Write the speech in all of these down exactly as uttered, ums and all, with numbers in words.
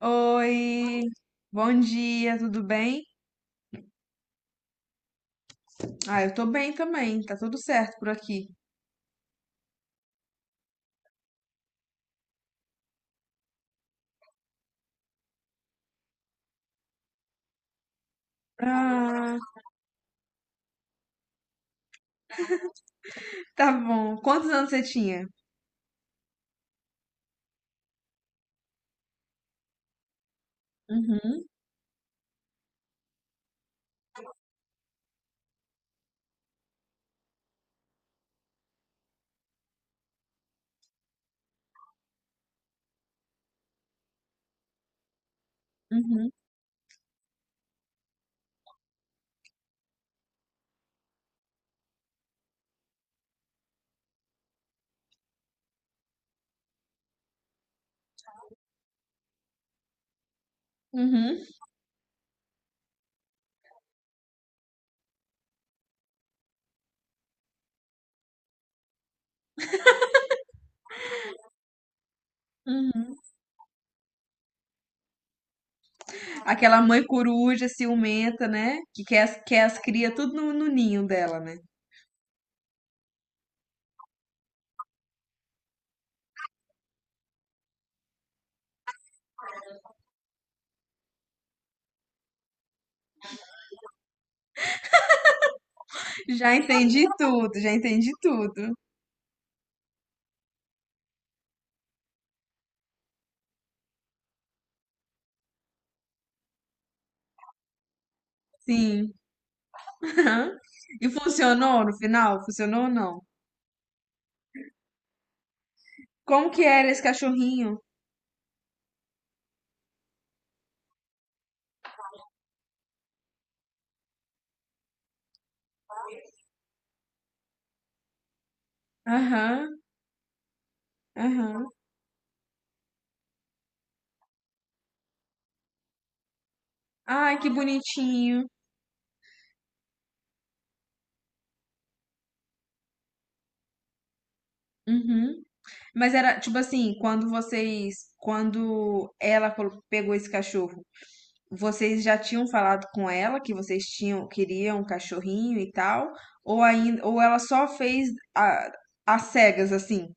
Oi, bom dia, tudo bem? Ah, eu tô bem também, tá tudo certo por aqui. Ah, tá bom. Quantos anos você tinha? Uhum, uhum, uhum, uhum. Aquela mãe coruja ciumenta, né? Que quer, as- quer as cria tudo no, no ninho dela, né? Já entendi tudo, já entendi tudo. Sim. E funcionou no final? Funcionou ou não? Como que era esse cachorrinho? Aham, aham. Ai, que bonitinho. Uhum. Mas era tipo assim, quando vocês, quando ela colo- pegou esse cachorro, vocês já tinham falado com ela que vocês tinham queriam um cachorrinho e tal, ou ainda, ou ela só fez a, às cegas assim?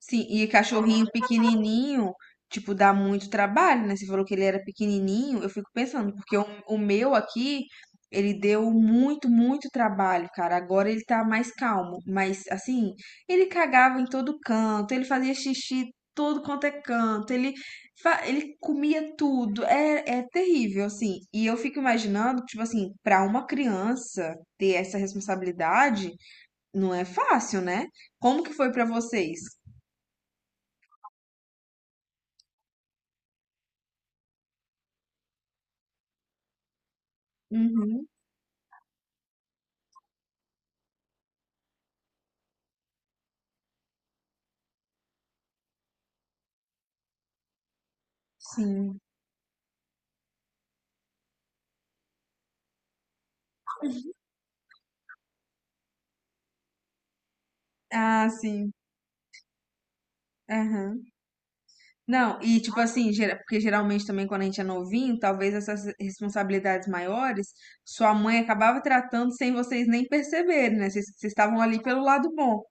Sim, e cachorrinho pequenininho, tipo, dá muito trabalho, né? Você falou que ele era pequenininho, eu fico pensando, porque o, o meu aqui, ele deu muito, muito trabalho, cara. Agora ele tá mais calmo, mas assim, ele cagava em todo canto, ele fazia xixi todo quanto é canto, ele, fa- ele comia tudo, é, é terrível, assim. E eu fico imaginando, tipo assim, pra uma criança ter essa responsabilidade, não é fácil, né? Como que foi pra vocês? Uhum. Sim. Ah, sim. Aham. Não, e tipo assim, gera- porque geralmente também quando a gente é novinho, talvez essas responsabilidades maiores, sua mãe acabava tratando sem vocês nem perceberem, né? Vocês vocês estavam ali pelo lado bom.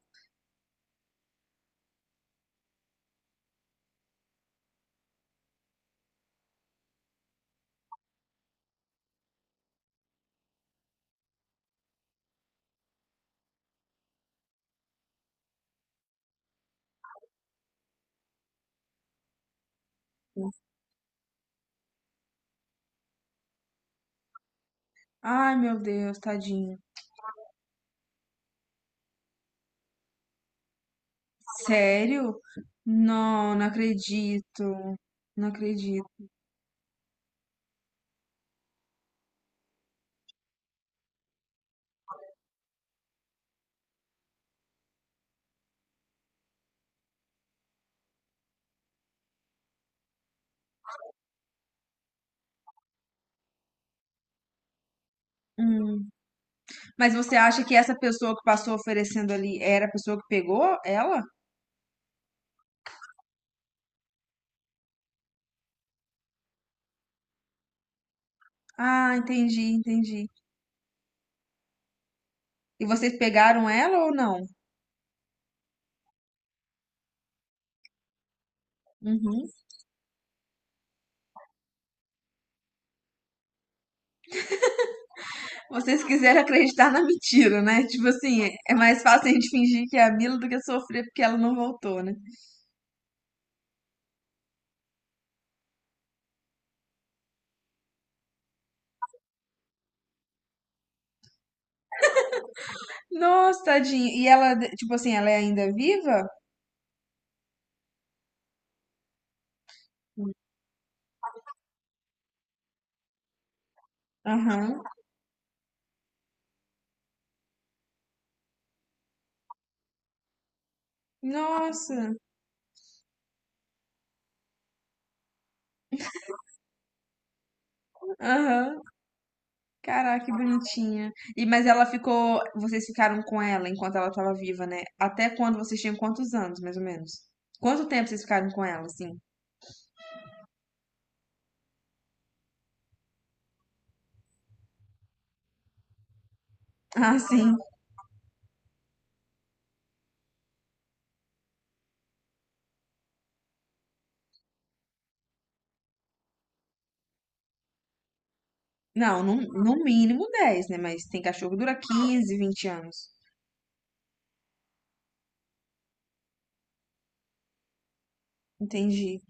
Ai, meu Deus, tadinho. Sério? Não, não acredito. Não acredito. Hum. Mas você acha que essa pessoa que passou oferecendo ali era a pessoa que pegou ela? Ah, entendi, entendi. E vocês pegaram ela ou não? Uhum. Vocês quiserem acreditar na mentira, né? Tipo assim, é mais fácil a gente fingir que é a Mila do que sofrer porque ela não voltou, né? Nossa, tadinha. E ela, tipo assim, ela é ainda viva? Aham. Nossa. Aham. Caraca, que bonitinha. E mas ela ficou, vocês ficaram com ela enquanto ela tava viva, né? Até quando vocês tinham quantos anos, mais ou menos? Quanto tempo vocês ficaram com ela, assim? Ah, sim. Não, no, no mínimo dez, né? Mas tem cachorro que dura quinze, vinte anos. Entendi.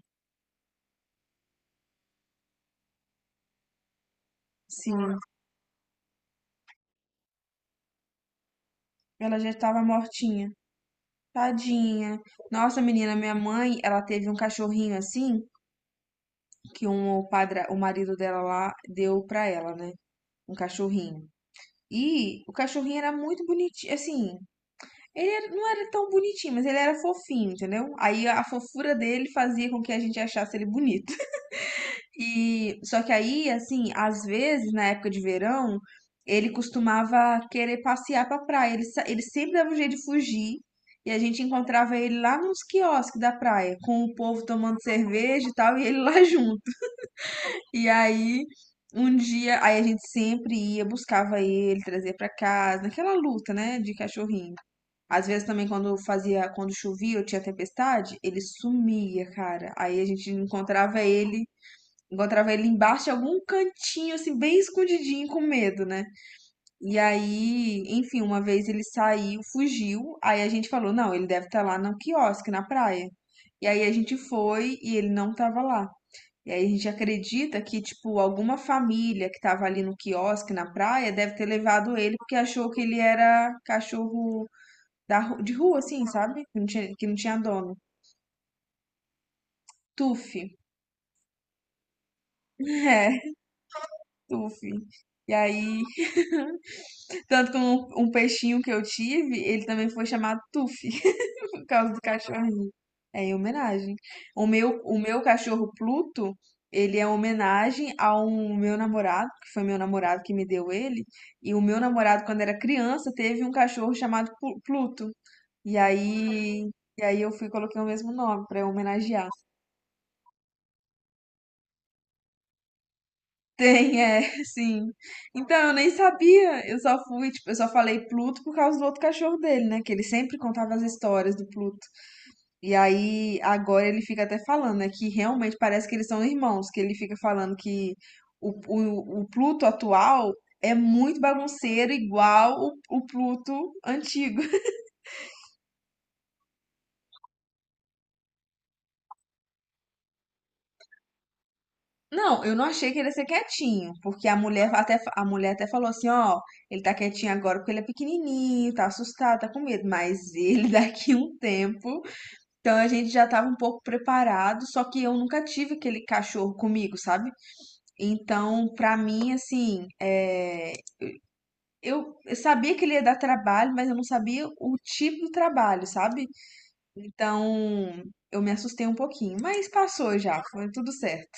Sim. Ela já estava mortinha. Tadinha. Nossa, menina, minha mãe, ela teve um cachorrinho assim, que um, o padre, o marido dela lá deu pra ela, né? Um cachorrinho. E o cachorrinho era muito bonitinho, assim, ele era- não era tão bonitinho, mas ele era fofinho, entendeu? Aí a fofura dele fazia com que a gente achasse ele bonito. E só que aí, assim, às vezes na época de verão, ele costumava querer passear pra praia. Ele, sa- ele sempre dava um jeito de fugir. E a gente encontrava ele lá nos quiosques da praia, com o povo tomando cerveja e tal, e ele lá junto. E aí, um dia, aí a gente sempre ia, buscava ele, trazia pra casa, naquela luta, né, de cachorrinho. Às vezes também quando fazia, quando chovia ou tinha tempestade, ele sumia, cara. Aí a gente encontrava ele Encontrava ele embaixo de algum cantinho, assim, bem escondidinho, com medo, né? E aí, enfim, uma vez ele saiu, fugiu. Aí a gente falou: não, ele deve estar lá no quiosque, na praia. E aí a gente foi e ele não tava lá. E aí a gente acredita que, tipo, alguma família que tava ali no quiosque, na praia, deve ter levado ele porque achou que ele era cachorro da, ru- de rua, assim, sabe? Que não tinha, que não tinha dono. Tufi. É, Tufi. E aí tanto que um, um peixinho que eu tive, ele também foi chamado Tufi, por causa do cachorrinho. É em homenagem. O meu, o meu cachorro Pluto, ele é homenagem ao meu namorado, que foi meu namorado que me deu ele. E o meu namorado, quando era criança, teve um cachorro chamado Plu- Pluto. E aí, e aí eu fui e coloquei o mesmo nome pra homenagear. Tem, é, sim. Então, eu nem sabia. Eu só fui, tipo, eu só falei Pluto por causa do outro cachorro dele, né? Que ele sempre contava as histórias do Pluto. E aí, agora ele fica até falando, né, que realmente parece que eles são irmãos, que ele fica falando que o, o, o Pluto atual é muito bagunceiro, igual o, o Pluto antigo. Não, eu não achei que ele ia ser quietinho, porque a mulher até, a mulher até falou assim, ó, ele tá quietinho agora porque ele é pequenininho, tá assustado, tá com medo, mas ele daqui um tempo, então a gente já tava um pouco preparado, só que eu nunca tive aquele cachorro comigo, sabe? Então, pra mim, assim, é, eu, eu sabia que ele ia dar trabalho, mas eu não sabia o tipo do trabalho, sabe? Então, eu me assustei um pouquinho, mas passou já, foi tudo certo.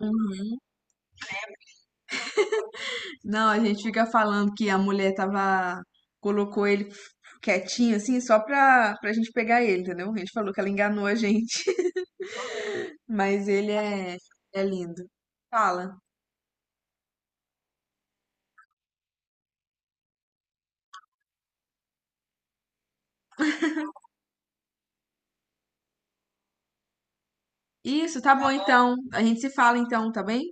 Uhum. Não, a gente fica falando que a mulher tava, colocou ele quietinho, assim, só pra, pra gente pegar ele, entendeu? A gente falou que ela enganou a gente, mas ele é, é lindo. Fala. Isso, tá bom então. A gente se fala então, tá bem?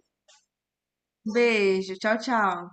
Beijo, tchau, tchau.